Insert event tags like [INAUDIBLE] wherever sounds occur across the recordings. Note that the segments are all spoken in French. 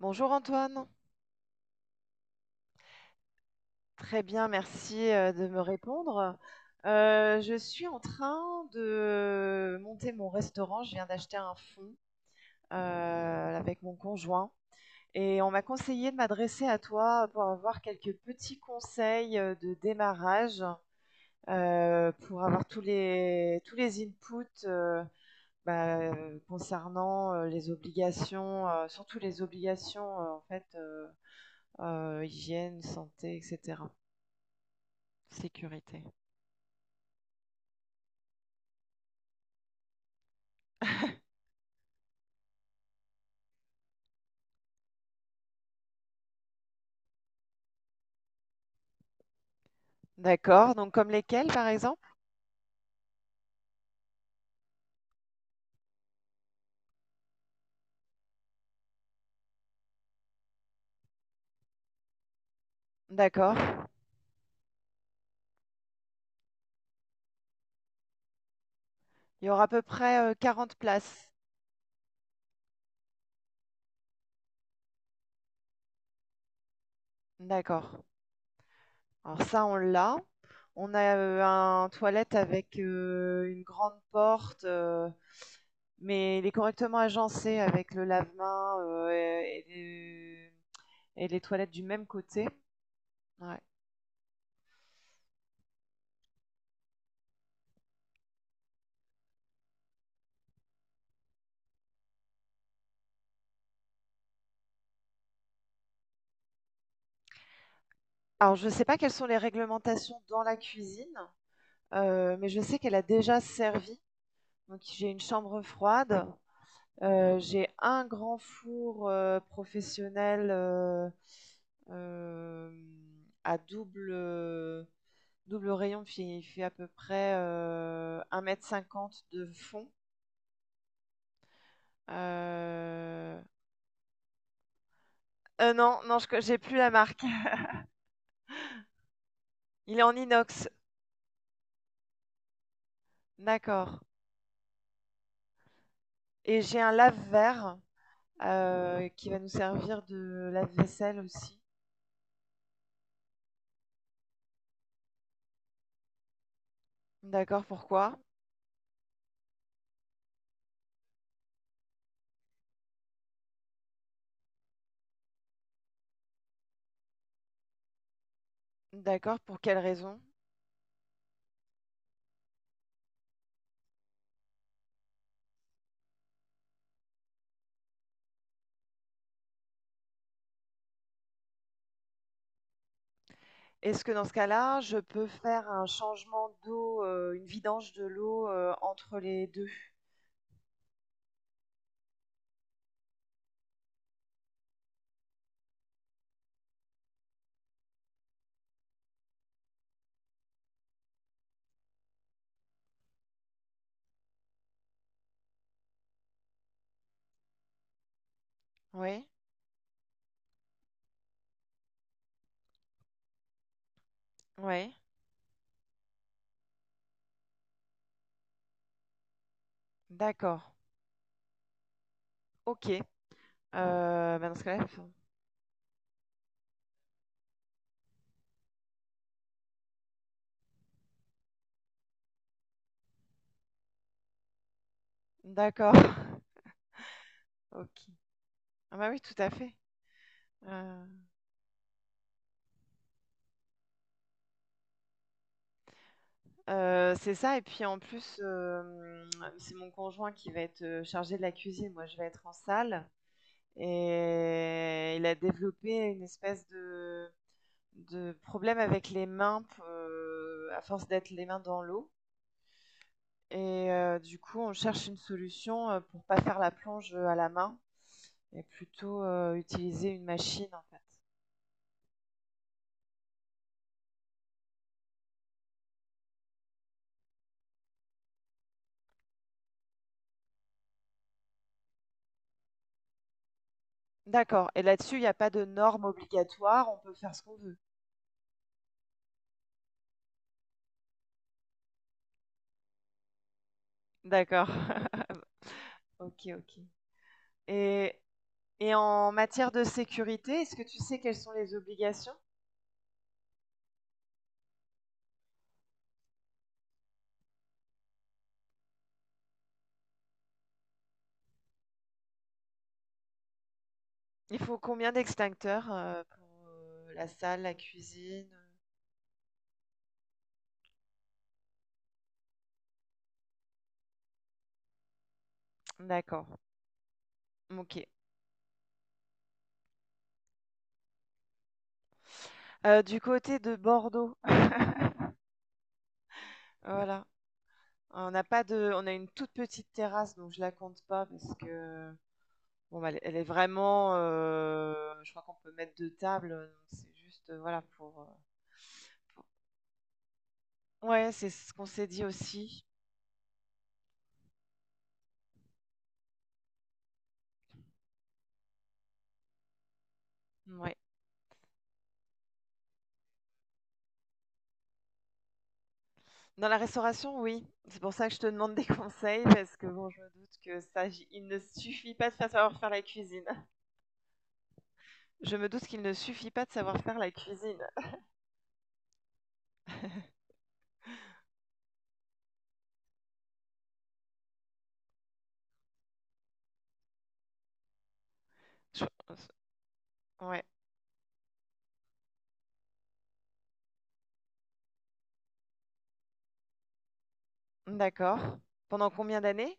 Bonjour Antoine. Très bien, merci de me répondre. Je suis en train de monter mon restaurant. Je viens d'acheter un fonds avec mon conjoint et on m'a conseillé de m'adresser à toi pour avoir quelques petits conseils de démarrage, pour avoir tous les inputs bah, concernant les obligations, surtout les obligations en fait, hygiène, santé, etc. Sécurité. D'accord, donc comme lesquels par exemple? D'accord. Il y aura à peu près 40 places. D'accord. Alors ça, on l'a. On a un toilette avec une grande porte, mais il est correctement agencé avec le lave-main et les toilettes du même côté. Ouais. Alors je ne sais pas quelles sont les réglementations dans la cuisine, mais je sais qu'elle a déjà servi. Donc j'ai une chambre froide. J'ai un grand four professionnel euh, à double rayon. Puis il fait à peu près 1,50 m de fond. Euh, non, non, j'ai plus la marque. Il est en inox. D'accord. Et j'ai un lave-verre qui va nous servir de lave-vaisselle aussi. D'accord, pourquoi? D'accord, pour quelle raison? Est-ce que dans ce cas-là, je peux faire un changement d'eau, une vidange de l'eau, entre les deux? Oui, oui. D'accord. OK. Bah, dans ce cas-là, faut d'accord. [LAUGHS] OK. Ah bah, oui, tout à fait. Heu c'est ça et puis en plus, c'est mon conjoint qui va être, chargé de la cuisine. Moi, je vais être en salle et il a développé une espèce de problème avec les mains p à force d'être les mains dans l'eau. Et du coup, on cherche une solution pour pas faire la plonge à la main et plutôt utiliser une machine en fait. D'accord. Et là-dessus, il n'y a pas de normes obligatoires, on peut faire ce qu'on veut. D'accord. [LAUGHS] Ok, ok. Et, et en matière de sécurité, est-ce que tu sais quelles sont les obligations? Il faut combien d'extincteurs pour la salle, la cuisine? D'accord, ok. Du côté de Bordeaux. [LAUGHS] Voilà. On n'a pas de, on a une toute petite terrasse, donc je la compte pas parce que bon, bah, elle est vraiment, je crois qu'on peut mettre deux tables, donc c'est juste voilà pour. Ouais, c'est ce qu'on s'est dit aussi. Ouais. Dans la restauration, oui. C'est pour ça que je te demande des [LAUGHS] conseils parce que bon, je me doute que ça, il ne suffit pas de faire savoir faire la cuisine. Je me doute qu'il ne suffit pas de savoir faire la cuisine. Je- euh, Ouais. D'accord. Pendant combien d'années?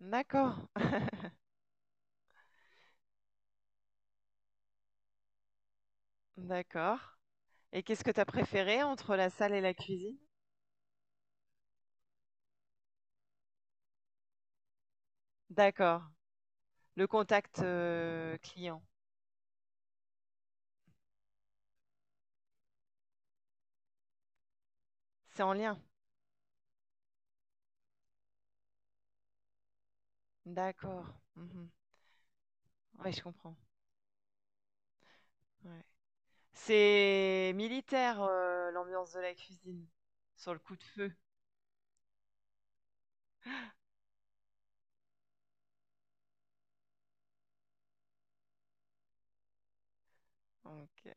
D'accord. D'accord. Et qu'est-ce que tu as préféré entre la salle et la cuisine? D'accord. Le contact client. C'est en lien. D'accord. Mhm. Ouais, je comprends. Ouais. C'est militaire, l'ambiance de la cuisine. Sur le coup de feu. Donc,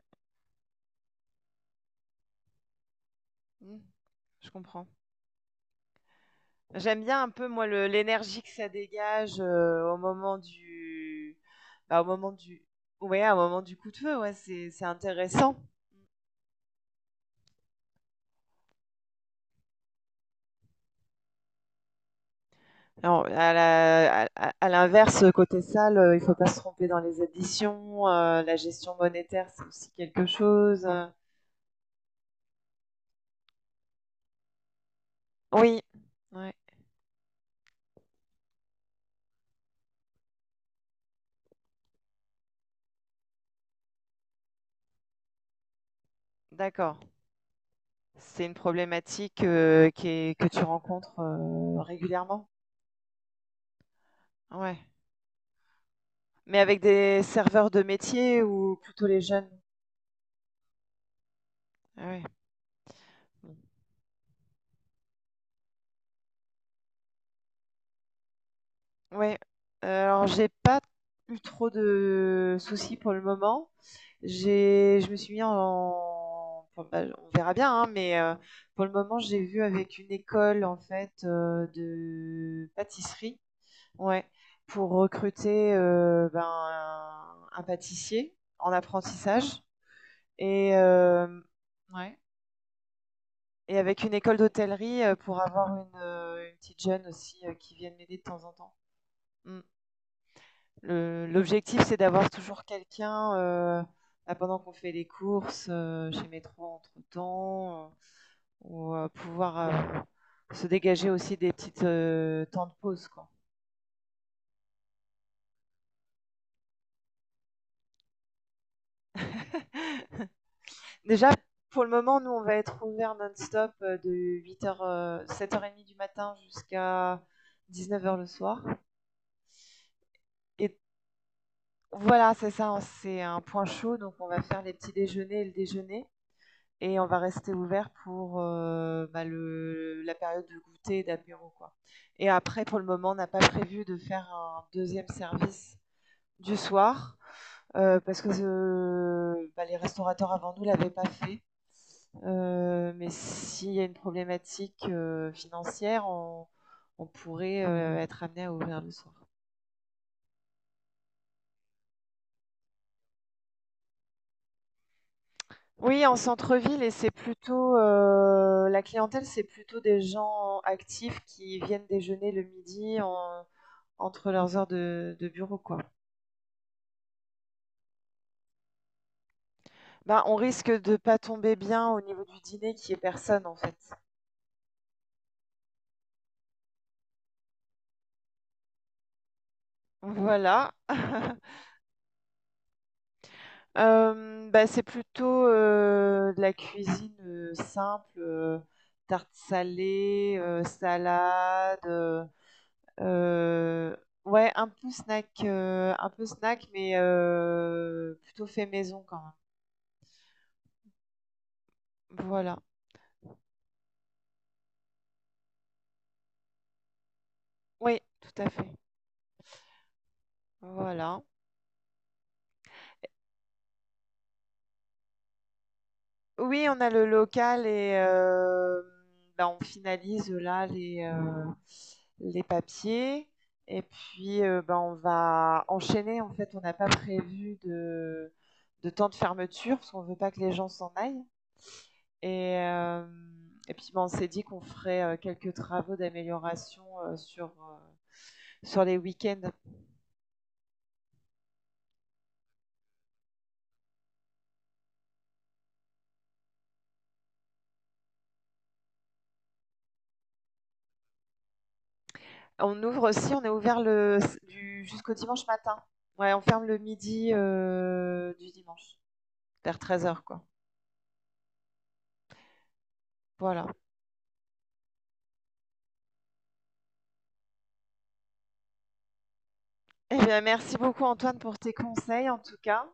hmm, je comprends. J'aime bien un peu, moi, l'énergie que ça dégage, bah, au moment du... Ouais, au moment du coup de feu, ouais, c'est intéressant. Alors, à la- à l'inverse, côté salle, il faut pas se tromper dans les additions. La gestion monétaire, c'est aussi quelque chose. Oui, ouais, d'accord. C'est une problématique que tu rencontres régulièrement. Ouais. Mais avec des serveurs de métier ou plutôt les jeunes. Ah ouais. Ouais. Alors, j'ai pas eu trop de soucis pour le moment. Je me suis mis enfin, bah, on verra bien, hein, mais pour le moment, j'ai vu avec une école en fait de pâtisserie, ouais, pour recruter ben, un pâtissier en apprentissage et ouais. Et avec une école d'hôtellerie pour avoir une petite jeune aussi qui vienne m'aider de temps en temps. Mm. L'objectif, c'est d'avoir toujours quelqu'un là, pendant qu'on fait les courses chez Métro entre-temps, ou pouvoir se dégager aussi des petites temps de pause, quoi. Déjà, pour le moment, nous, on va être ouvert non-stop de 8h, 7h30 du matin jusqu'à 19h le soir. Et voilà, c'est ça, hein, c'est un point chaud, donc on va faire les petits déjeuners et le déjeuner. Et on va rester ouvert pour bah, la période de goûter et d'apéro, quoi. Et après, pour le moment, on n'a pas prévu de faire un deuxième service du soir. Parce que bah, les restaurateurs avant nous ne l'avaient pas fait. Mais s'il y a une problématique financière, on pourrait être amené à ouvrir le soir. Oui, en centre-ville, et c'est plutôt la clientèle, c'est plutôt des gens actifs qui viennent déjeuner le midi entre leurs heures de bureau, quoi. Ben, on risque de pas tomber bien au niveau du dîner qui est personne, en fait. Voilà. [LAUGHS] Bah, c'est plutôt de la cuisine simple, tarte salée, salade, euh, ouais, un peu snack, mais plutôt fait maison quand même. Voilà. Oui, tout à fait. Voilà. Oui, on a le local et ben, on finalise là les papiers. Et puis, ben, on va enchaîner. En fait, on n'a pas prévu de temps de fermeture parce qu'on ne veut pas que les gens s'en aillent. Et, euh, et puis, ben, on s'est dit qu'on ferait quelques travaux d'amélioration sur les week-ends. On ouvre aussi, on est ouvert jusqu'au dimanche matin. Ouais, on ferme le midi du dimanche, vers 13h. Voilà. Eh bien, merci beaucoup Antoine pour tes conseils en tout cas.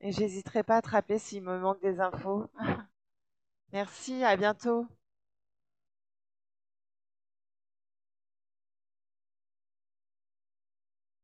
Et j'hésiterai pas à te rappeler s'il me manque des infos. Merci, à bientôt.